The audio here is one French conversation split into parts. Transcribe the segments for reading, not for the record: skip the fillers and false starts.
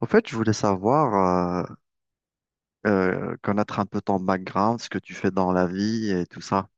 Au fait, je voulais savoir, connaître un peu ton background, ce que tu fais dans la vie et tout ça.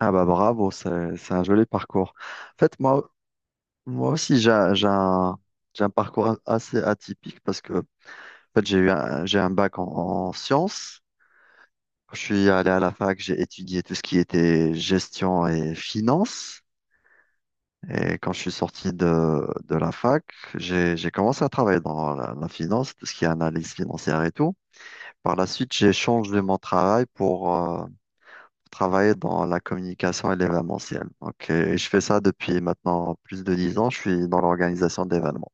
Ah bah bravo, c'est un joli parcours. En fait, moi, moi aussi, j'ai un j'ai un parcours assez atypique parce que en fait, j'ai un bac en, en sciences. Quand je suis allé à la fac, j'ai étudié tout ce qui était gestion et finance. Et quand je suis sorti de la fac, j'ai commencé à travailler dans la, la finance, tout ce qui est analyse financière et tout. Par la suite, j'ai changé mon travail pour travailler dans la communication et l'événementiel. Donc, et je fais ça depuis maintenant plus de 10 ans. Je suis dans l'organisation d'événements.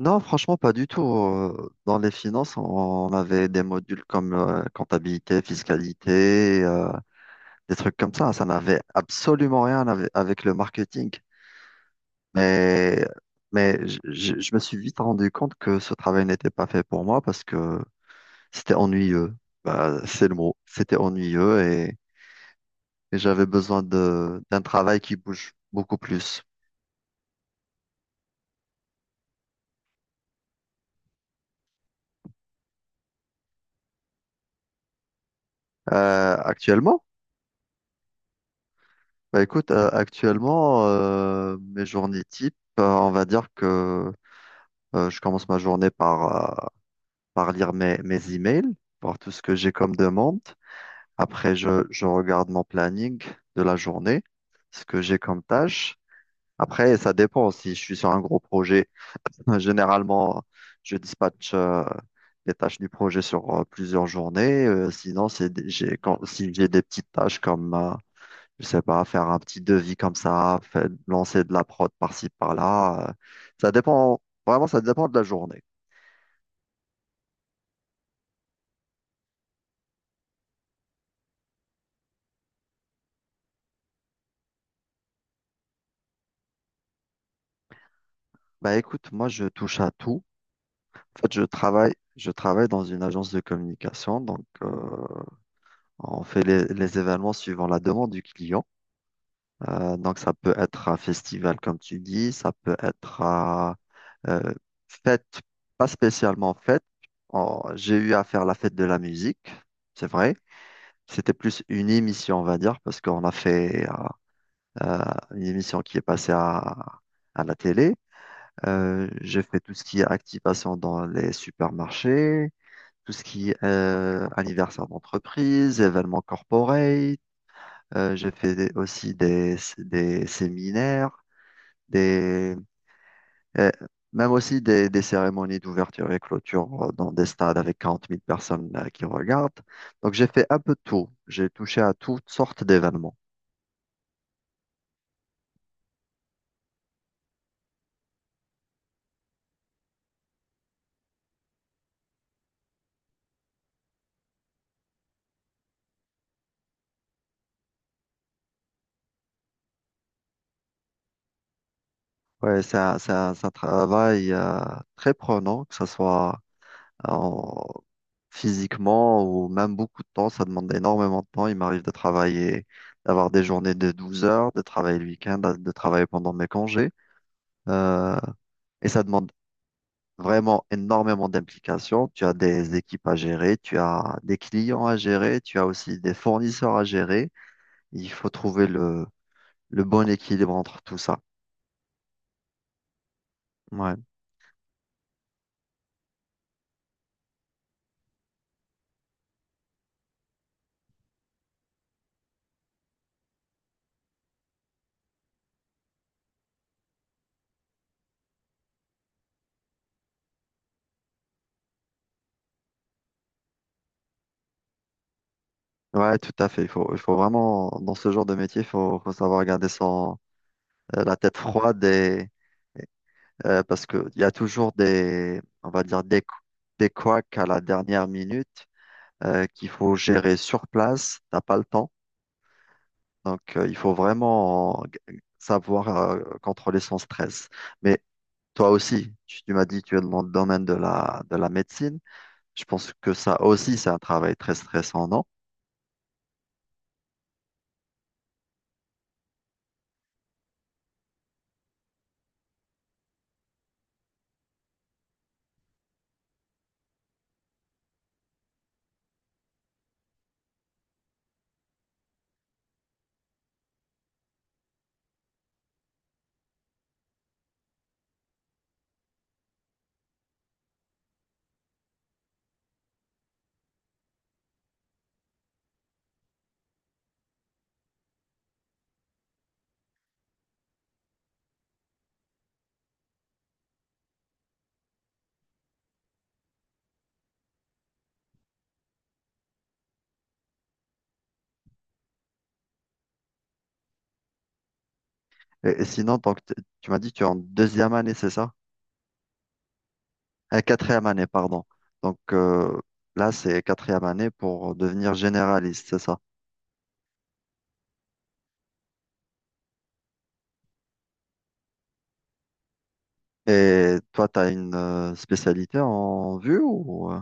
Non, franchement, pas du tout. Dans les finances, on avait des modules comme comptabilité, fiscalité, des trucs comme ça. Ça n'avait absolument rien avec avec le marketing. Mais, je me suis vite rendu compte que ce travail n'était pas fait pour moi parce que c'était ennuyeux. Bah, c'est le mot. C'était ennuyeux et j'avais besoin de, d'un travail qui bouge beaucoup plus. Euh, actuellement, bah écoute, actuellement, mes journées type, on va dire que je commence ma journée par, par lire mes, mes emails, voir tout ce que j'ai comme demande. Après, je regarde mon planning de la journée, ce que j'ai comme tâche. Après, ça dépend. Si je suis sur un gros projet, généralement, je dispatche les tâches du projet sur plusieurs journées. Sinon, j'ai, quand, si j'ai des petites tâches comme, je sais pas, faire un petit devis comme ça, lancer de la prod par-ci, par-là. Ça dépend, vraiment, ça dépend de la journée. Bah écoute, moi, je touche à tout. En fait, je travaille dans une agence de communication. Donc, on fait les événements suivant la demande du client. Donc, ça peut être un festival, comme tu dis, ça peut être un, euh, fête, pas spécialement fête. J'ai eu à faire la fête de la musique, c'est vrai. C'était plus une émission, on va dire, parce qu'on a fait euh, une émission qui est passée à la télé. J'ai fait tout ce qui est activation dans les supermarchés, tout ce qui est anniversaire d'entreprise, événements corporate. J'ai fait des- aussi des séminaires des, euh, même aussi des cérémonies d'ouverture et clôture dans des stades avec 40 000 personnes qui regardent. Donc j'ai fait un peu de tout. J'ai touché à toutes sortes d'événements. Ouais, c'est un travail très prenant, que ce soit euh, en- physiquement ou même beaucoup de temps. Ça demande énormément de temps. Il m'arrive de travailler, d'avoir des journées de 12 heures, de travailler le week-end, de travailler pendant mes congés. Euh, et ça demande vraiment énormément d'implications. Tu as des équipes à gérer, tu as des clients à gérer, tu as aussi des fournisseurs à gérer. Il faut trouver le bon équilibre entre tout ça. Ouais, ouais, tout à fait. Il faut vraiment, dans ce genre de métier, il faut, faut savoir garder son, la tête froide et, parce qu'il y a toujours des, on va dire, des couacs à la dernière minute qu'il faut gérer sur place. T'as pas le temps. Donc, il faut vraiment savoir contrôler son stress. Mais toi aussi, tu m'as dit que tu es dans le domaine de la médecine. Je pense que ça aussi, c'est un travail très stressant, non? Et sinon, donc, tu m'as dit que tu es en 2e année, c'est ça? 4e année, pardon. Donc, là, c'est 4e année pour devenir généraliste, c'est ça? Et toi, tu as une spécialité en vue ou...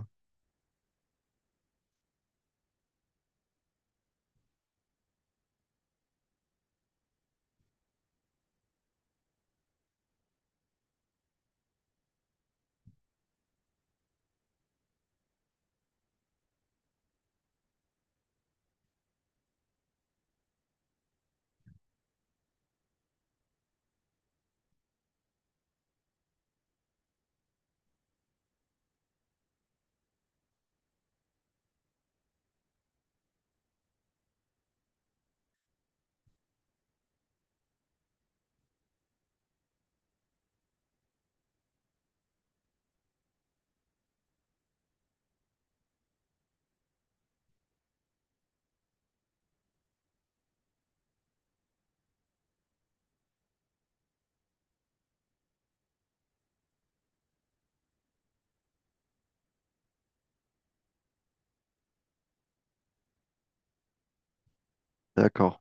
d'accord.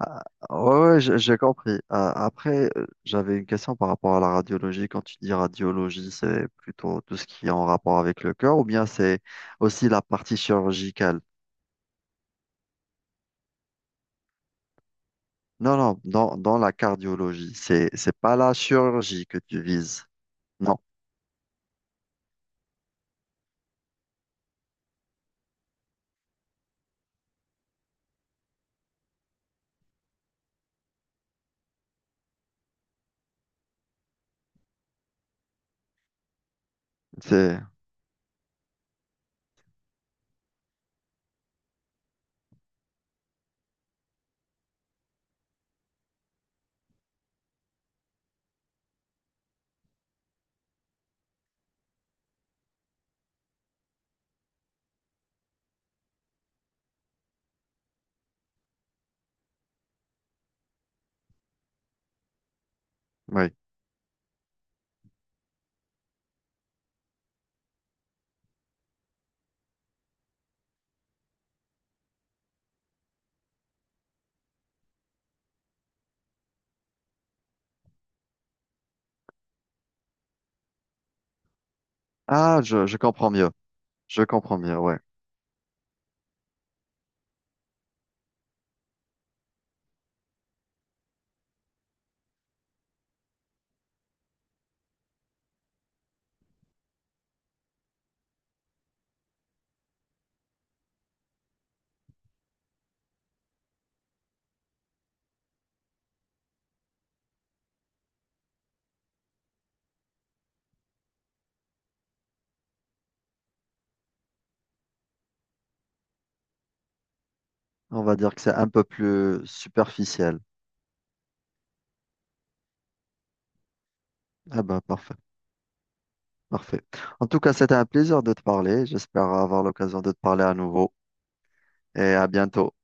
Ah, ouais, ouais, j'ai compris. Ah, après, j'avais une question par rapport à la radiologie. Quand tu dis radiologie, c'est plutôt tout ce qui est en rapport avec le cœur ou bien c'est aussi la partie chirurgicale? Non, non, dans, dans la cardiologie, c'est pas la chirurgie que tu vises. Non, c'est, oui. Ah, je comprends mieux. Je comprends mieux, ouais. On va dire que c'est un peu plus superficiel. Ah ben, parfait, parfait. En tout cas, c'était un plaisir de te parler. J'espère avoir l'occasion de te parler à nouveau et à bientôt.